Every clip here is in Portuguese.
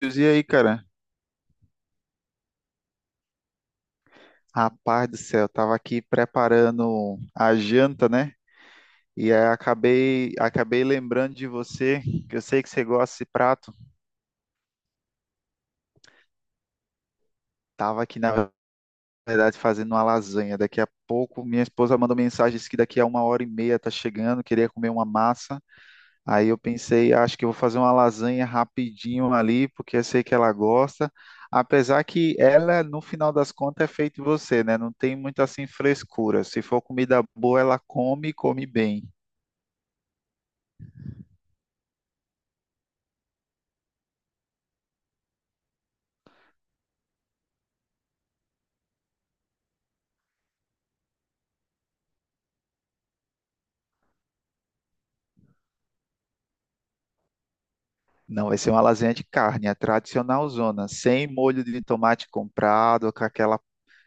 E aí, cara? Rapaz do céu, eu tava aqui preparando a janta, né? E aí acabei lembrando de você, que eu sei que você gosta desse prato. Tava aqui, na verdade, fazendo uma lasanha. Daqui a pouco, minha esposa mandou mensagem, disse que daqui a uma hora e meia tá chegando, queria comer uma massa. Aí eu pensei, acho que eu vou fazer uma lasanha rapidinho ali, porque eu sei que ela gosta. Apesar que ela, no final das contas, é feita em você, né? Não tem muito assim frescura. Se for comida boa, ela come e come bem. Não, vai ser uma lasanha de carne, a tradicional zona, sem molho de tomate comprado, com aquela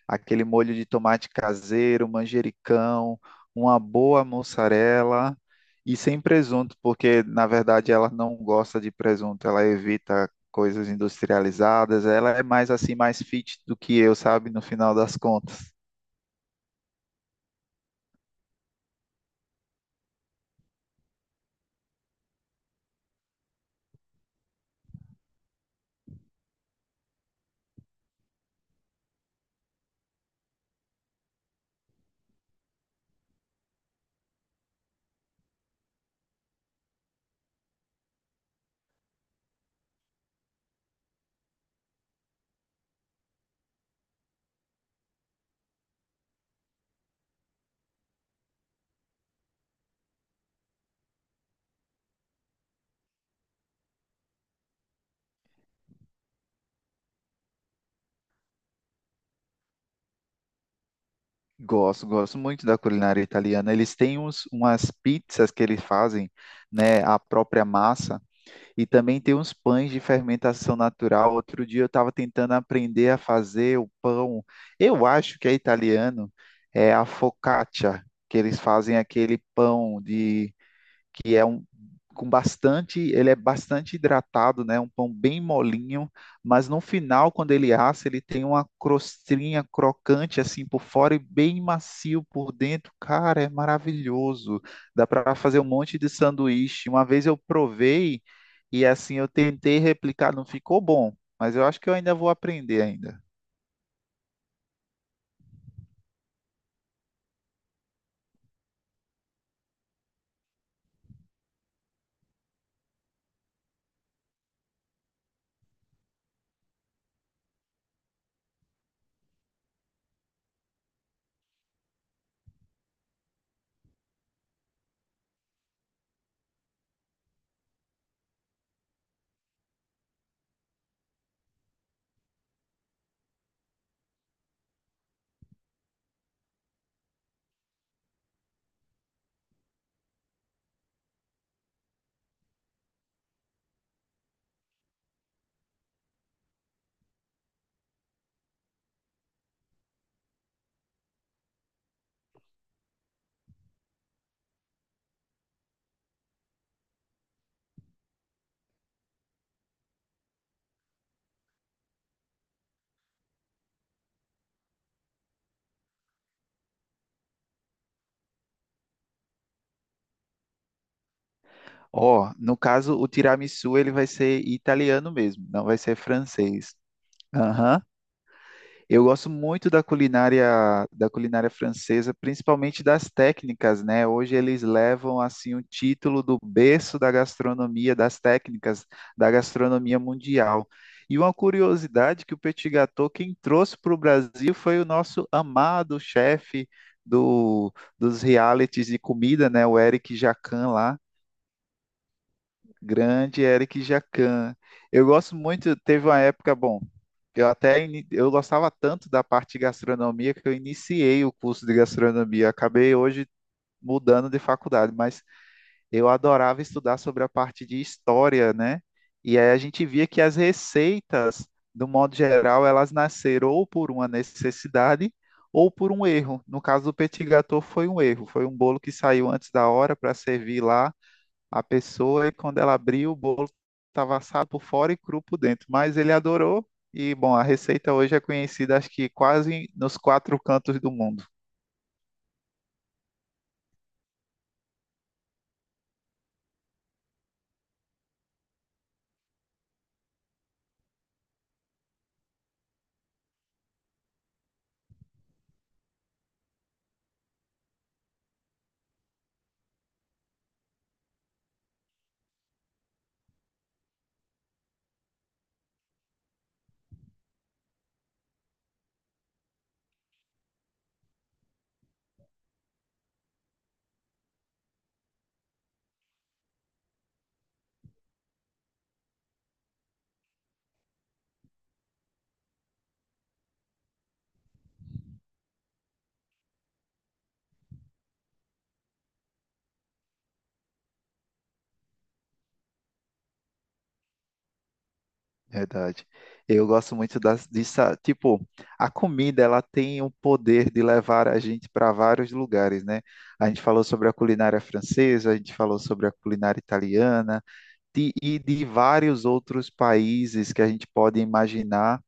aquele molho de tomate caseiro, manjericão, uma boa mussarela e sem presunto, porque na verdade ela não gosta de presunto, ela evita coisas industrializadas, ela é mais assim, mais fit do que eu, sabe, no final das contas. Gosto muito da culinária italiana. Eles têm umas pizzas que eles fazem, né, a própria massa. E também tem uns pães de fermentação natural. Outro dia eu estava tentando aprender a fazer o pão. Eu acho que é italiano, é a focaccia, que eles fazem aquele pão de que é um com bastante, ele é bastante hidratado, né? Um pão bem molinho, mas no final, quando ele assa, ele tem uma crostinha crocante assim por fora e bem macio por dentro. Cara, é maravilhoso. Dá para fazer um monte de sanduíche. Uma vez eu provei e assim eu tentei replicar, não ficou bom, mas eu acho que eu ainda vou aprender ainda. Ó, no caso, o tiramisu ele vai ser italiano mesmo, não vai ser francês. Aham. Eu gosto muito da culinária francesa, principalmente das técnicas, né? Hoje eles levam assim o título do berço da gastronomia, das técnicas da gastronomia mundial. E uma curiosidade que o petit gâteau quem trouxe para o Brasil foi o nosso amado chefe do, dos realities de comida, né? O Eric Jacquin lá. Grande Eric Jacan. Eu gosto muito, teve uma época, bom, eu gostava tanto da parte de gastronomia que eu iniciei o curso de gastronomia. Acabei hoje mudando de faculdade, mas eu adorava estudar sobre a parte de história, né? E aí a gente via que as receitas, do modo geral, elas nasceram ou por uma necessidade ou por um erro. No caso do petit gâteau foi um erro, foi um bolo que saiu antes da hora para servir lá a pessoa e quando ela abriu, o bolo estava assado por fora e cru por dentro. Mas ele adorou e, bom, a receita hoje é conhecida, acho que quase nos quatro cantos do mundo. Verdade. Eu gosto muito das, disso. Tipo, a comida, ela tem o poder de levar a gente para vários lugares, né? A gente falou sobre a culinária francesa, a gente falou sobre a culinária italiana, e de vários outros países que a gente pode imaginar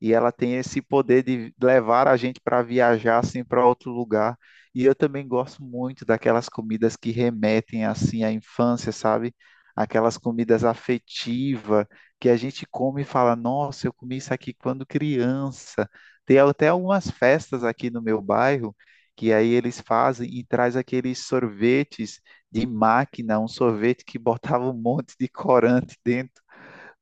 e ela tem esse poder de levar a gente para viajar assim para outro lugar. E eu também gosto muito daquelas comidas que remetem assim à infância, sabe? Aquelas comidas afetivas que a gente come e fala: "Nossa, eu comi isso aqui quando criança". Tem até algumas festas aqui no meu bairro que aí eles fazem e traz aqueles sorvetes de máquina, um sorvete que botava um monte de corante dentro,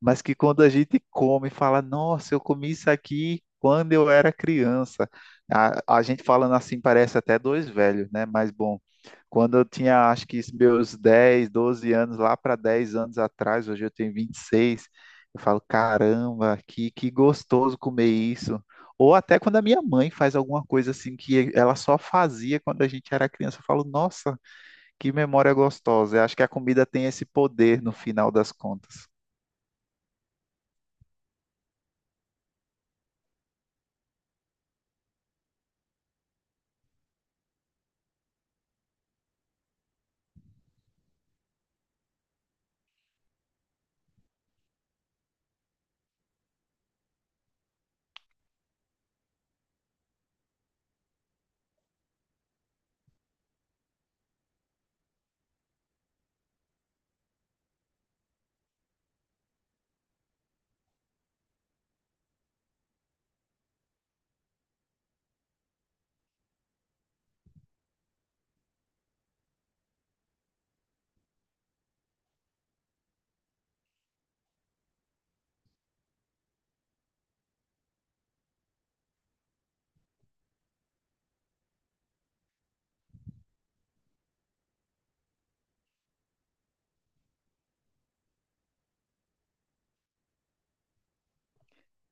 mas que quando a gente come, fala, nossa, eu comi isso aqui quando eu era criança. A gente falando assim parece até dois velhos, né? Mas bom, quando eu tinha, acho que meus 10 12 anos, lá para 10 anos atrás, hoje eu tenho 26, eu falo, caramba, que gostoso comer isso. Ou até quando a minha mãe faz alguma coisa assim que ela só fazia quando a gente era criança, eu falo, nossa, que memória gostosa. Eu acho que a comida tem esse poder no final das contas.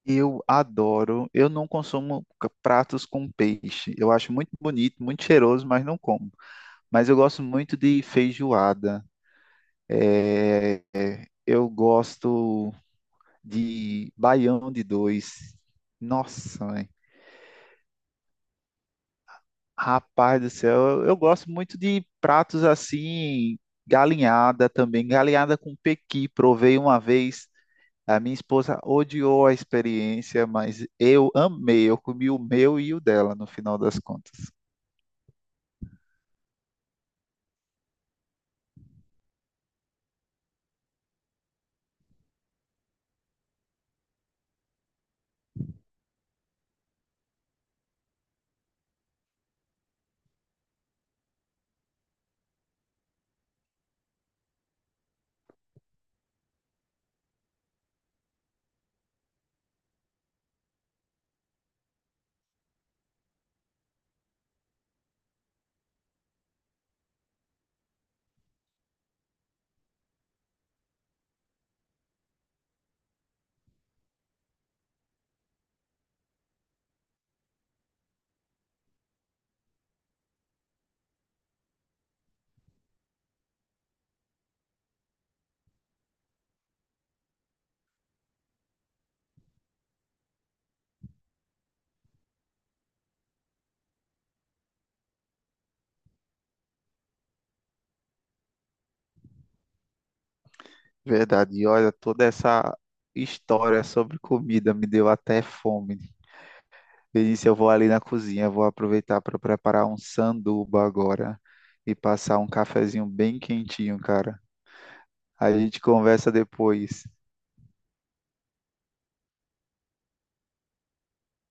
Eu adoro. Eu não consumo pratos com peixe. Eu acho muito bonito, muito cheiroso, mas não como. Mas eu gosto muito de feijoada. Eu gosto de baião de dois. Nossa, mãe. Rapaz do céu, eu gosto muito de pratos assim, galinhada também. Galinhada com pequi, provei uma vez. A minha esposa odiou a experiência, mas eu amei. Eu comi o meu e o dela, no final das contas. Verdade. E olha, toda essa história sobre comida me deu até fome. Eu disse, eu vou ali na cozinha, vou aproveitar para preparar um sanduba agora e passar um cafezinho bem quentinho, cara. A gente conversa depois.